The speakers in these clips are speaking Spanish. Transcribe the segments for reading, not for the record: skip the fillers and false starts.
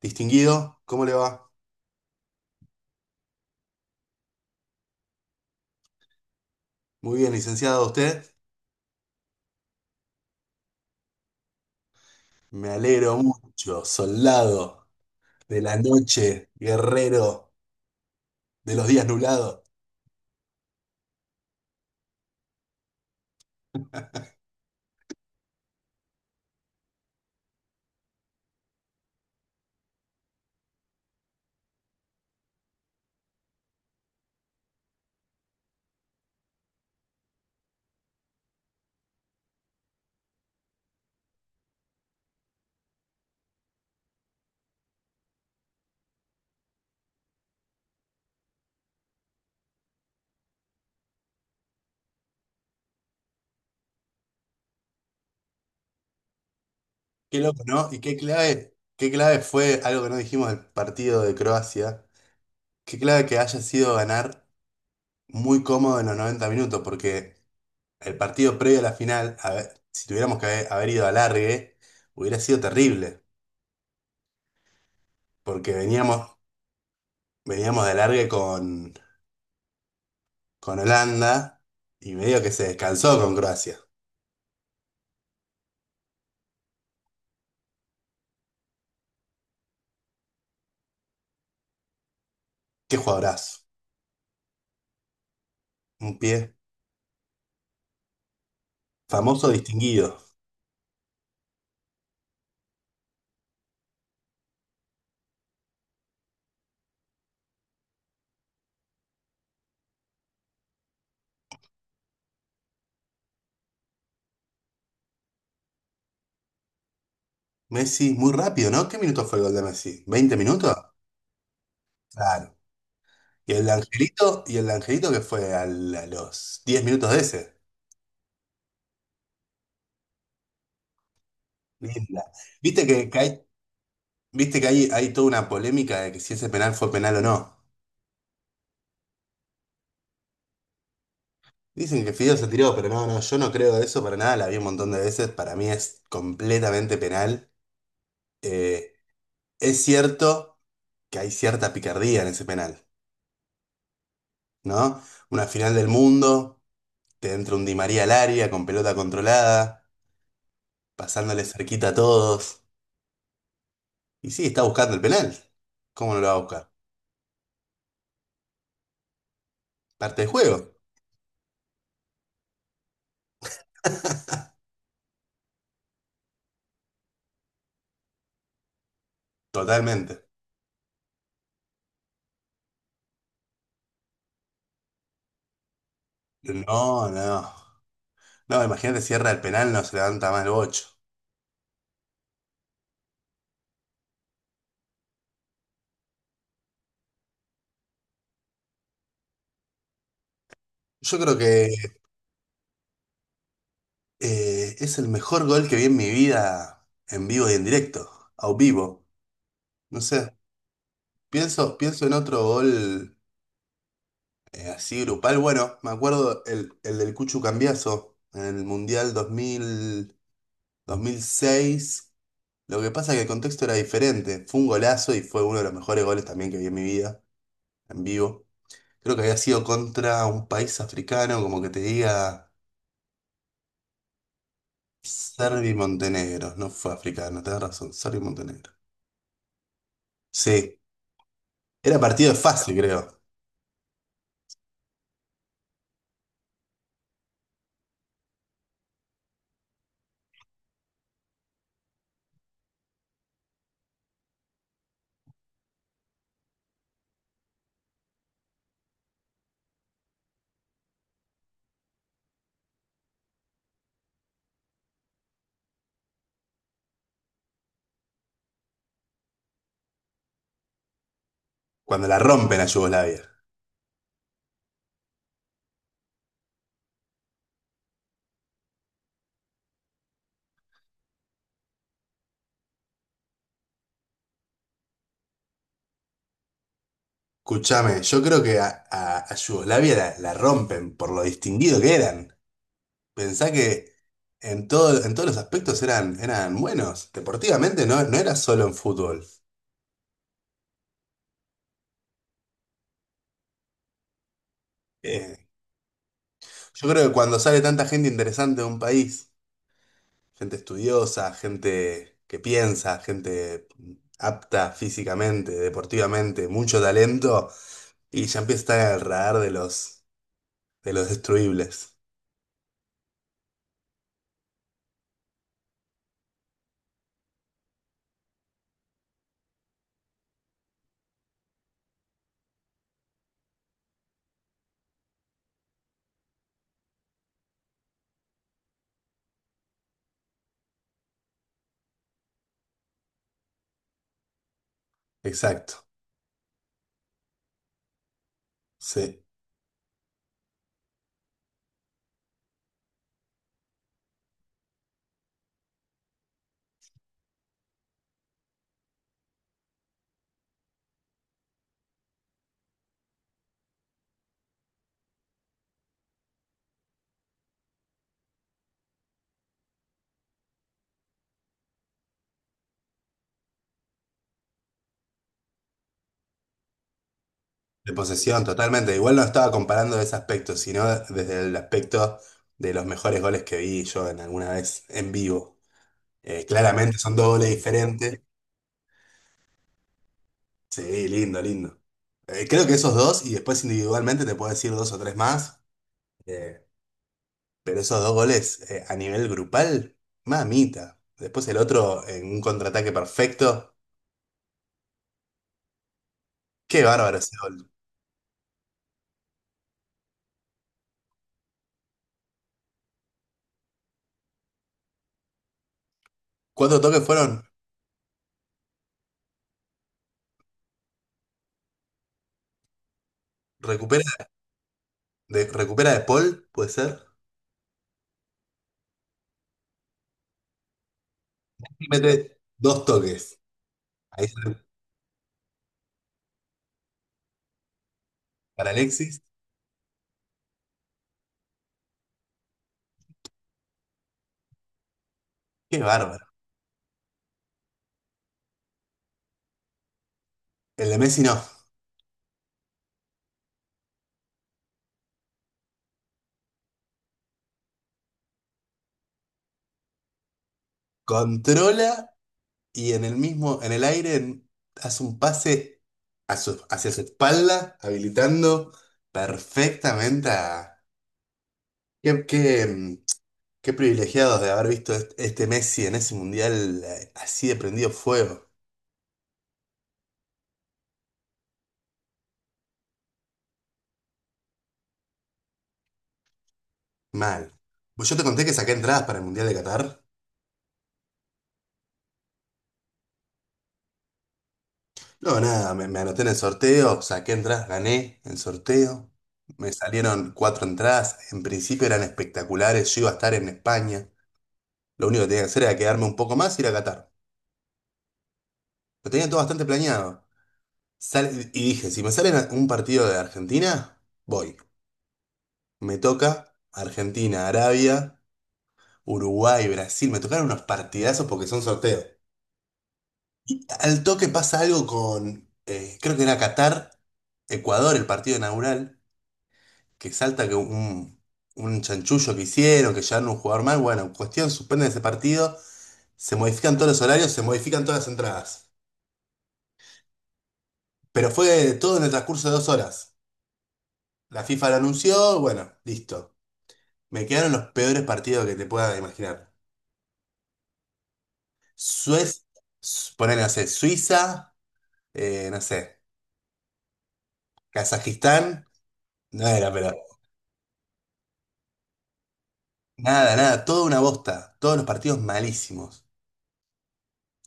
Distinguido, ¿cómo le va? Muy bien, licenciado, ¿usted? Me alegro mucho, soldado de la noche, guerrero de los días nublados. Qué loco, ¿no? Y qué clave fue algo que no dijimos del partido de Croacia. Qué clave que haya sido ganar muy cómodo en los 90 minutos, porque el partido previo a la final, a ver, si tuviéramos que haber ido a alargue, hubiera sido terrible, porque veníamos de alargue con Holanda y medio que se descansó con Croacia. Qué jugadorazo. Un pie famoso, distinguido. Messi, muy rápido, ¿no? ¿Qué minuto fue el gol de Messi? ¿20 minutos? Claro. Y el de Angelito, que fue a los 10 minutos de ese. Linda. Viste que, que hay, Viste que hay toda una polémica de que si ese penal fue penal o no. Dicen que Fideo se tiró, pero no, no, yo no creo de eso para nada, la vi un montón de veces, para mí es completamente penal. Eh, es cierto que hay cierta picardía en ese penal, ¿no? Una final del mundo, te entra un Di María al área con pelota controlada, pasándole cerquita a todos. Y sí, está buscando el penal. ¿Cómo no lo va a buscar? Parte del juego, totalmente. No, no. No, imagínate, cierra el penal, no se levanta más el bocho. Yo creo que es el mejor gol que vi en mi vida en vivo y en directo, a vivo. No sé, pienso en otro gol. Así grupal, bueno, me acuerdo el del Cuchu Cambiazo en el Mundial dos mil seis. Lo que pasa es que el contexto era diferente. Fue un golazo y fue uno de los mejores goles también que vi en mi vida, en vivo. Creo que había sido contra un país africano, como que te diga Serbia y Montenegro. No fue africano, tenés razón, Serbia y Montenegro. Sí, era partido de fase, creo, cuando la rompen a Yugoslavia. Escuchame, yo creo que a Yugoslavia la rompen por lo distinguido que eran. Pensá que en todos los aspectos eran buenos. Deportivamente no, no era solo en fútbol. Eh, yo creo que cuando sale tanta gente interesante de un país, gente estudiosa, gente que piensa, gente apta físicamente, deportivamente, mucho talento, y ya empieza a estar en el radar de los destruibles. Exacto. Sí. De posesión, totalmente. Igual no estaba comparando ese aspecto, sino desde el aspecto de los mejores goles que vi yo en alguna vez en vivo. Claramente son dos goles diferentes. Sí, lindo, lindo. Creo que esos dos, y después individualmente te puedo decir dos o tres más, eh, pero esos dos goles a nivel grupal, mamita. Después el otro en un contraataque perfecto. Qué bárbaro ese gol. ¿Cuántos toques fueron? Recupera recupera de Paul, puede ser. Y mete dos toques. Ahí para Alexis. Qué bárbaro. El de Messi no. Controla y en el mismo, en el aire hace un pase hacia su espalda, habilitando perfectamente a... Qué, qué, mm, Qué privilegiados de haber visto este Messi en ese mundial así de prendido fuego. Mal. Pues yo te conté que saqué entradas para el mundial de Qatar. No, nada, me anoté en el sorteo, saqué entradas, gané el sorteo. Me salieron cuatro entradas, en principio eran espectaculares, yo iba a estar en España. Lo único que tenía que hacer era quedarme un poco más y ir a Qatar. Lo tenía todo bastante planeado. Y dije, si me sale un partido de Argentina, voy. Me toca Argentina, Arabia, Uruguay, Brasil. Me tocaron unos partidazos porque son sorteos. Al toque pasa algo con, creo que era Qatar, Ecuador, el partido inaugural. Que salta que un chanchullo que hicieron, que llevaron un jugador mal, bueno, cuestión, suspenden ese partido, se modifican todos los horarios, se modifican todas las entradas. Pero fue todo en el transcurso de 2 horas. La FIFA lo anunció, bueno, listo. Me quedaron los peores partidos que te puedas imaginar. Suez, ponele, no sé, Suiza, no sé, Kazajistán, no era, pero nada, nada, toda una bosta, todos los partidos malísimos.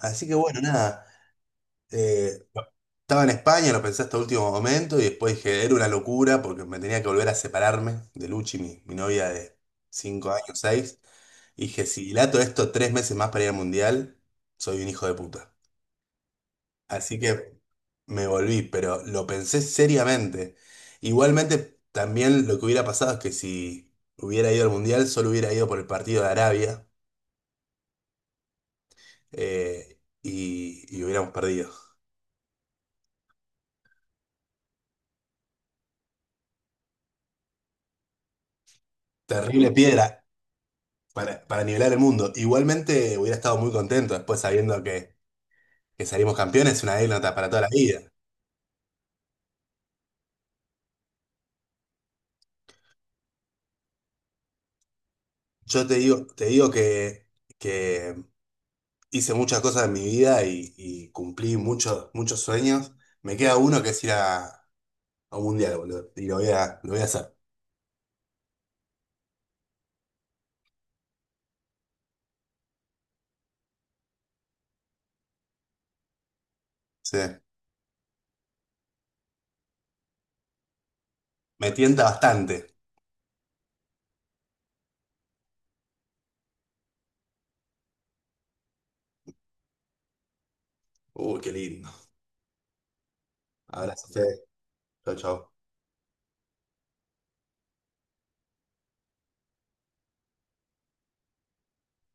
Así que bueno, nada. Eh, Estaba en España, lo pensé hasta último momento y después dije, era una locura porque me tenía que volver a separarme de Luchi, mi novia de 5 años, seis. Y dije, si dilato esto 3 meses más para ir al mundial, soy un hijo de puta. Así que me volví, pero lo pensé seriamente. Igualmente, también lo que hubiera pasado es que si hubiera ido al mundial, solo hubiera ido por el partido de Arabia y hubiéramos perdido. Terrible piedra. Para nivelar el mundo. Igualmente hubiera estado muy contento después sabiendo que, salimos campeones, una anécdota para toda la vida. Yo te digo que hice muchas cosas en mi vida y cumplí muchos, muchos sueños. Me queda uno que es ir a un mundial, boludo, y lo voy a hacer. Sí. Me tienta bastante. Uy, qué lindo. Abrazo, Fede. Chau, chau.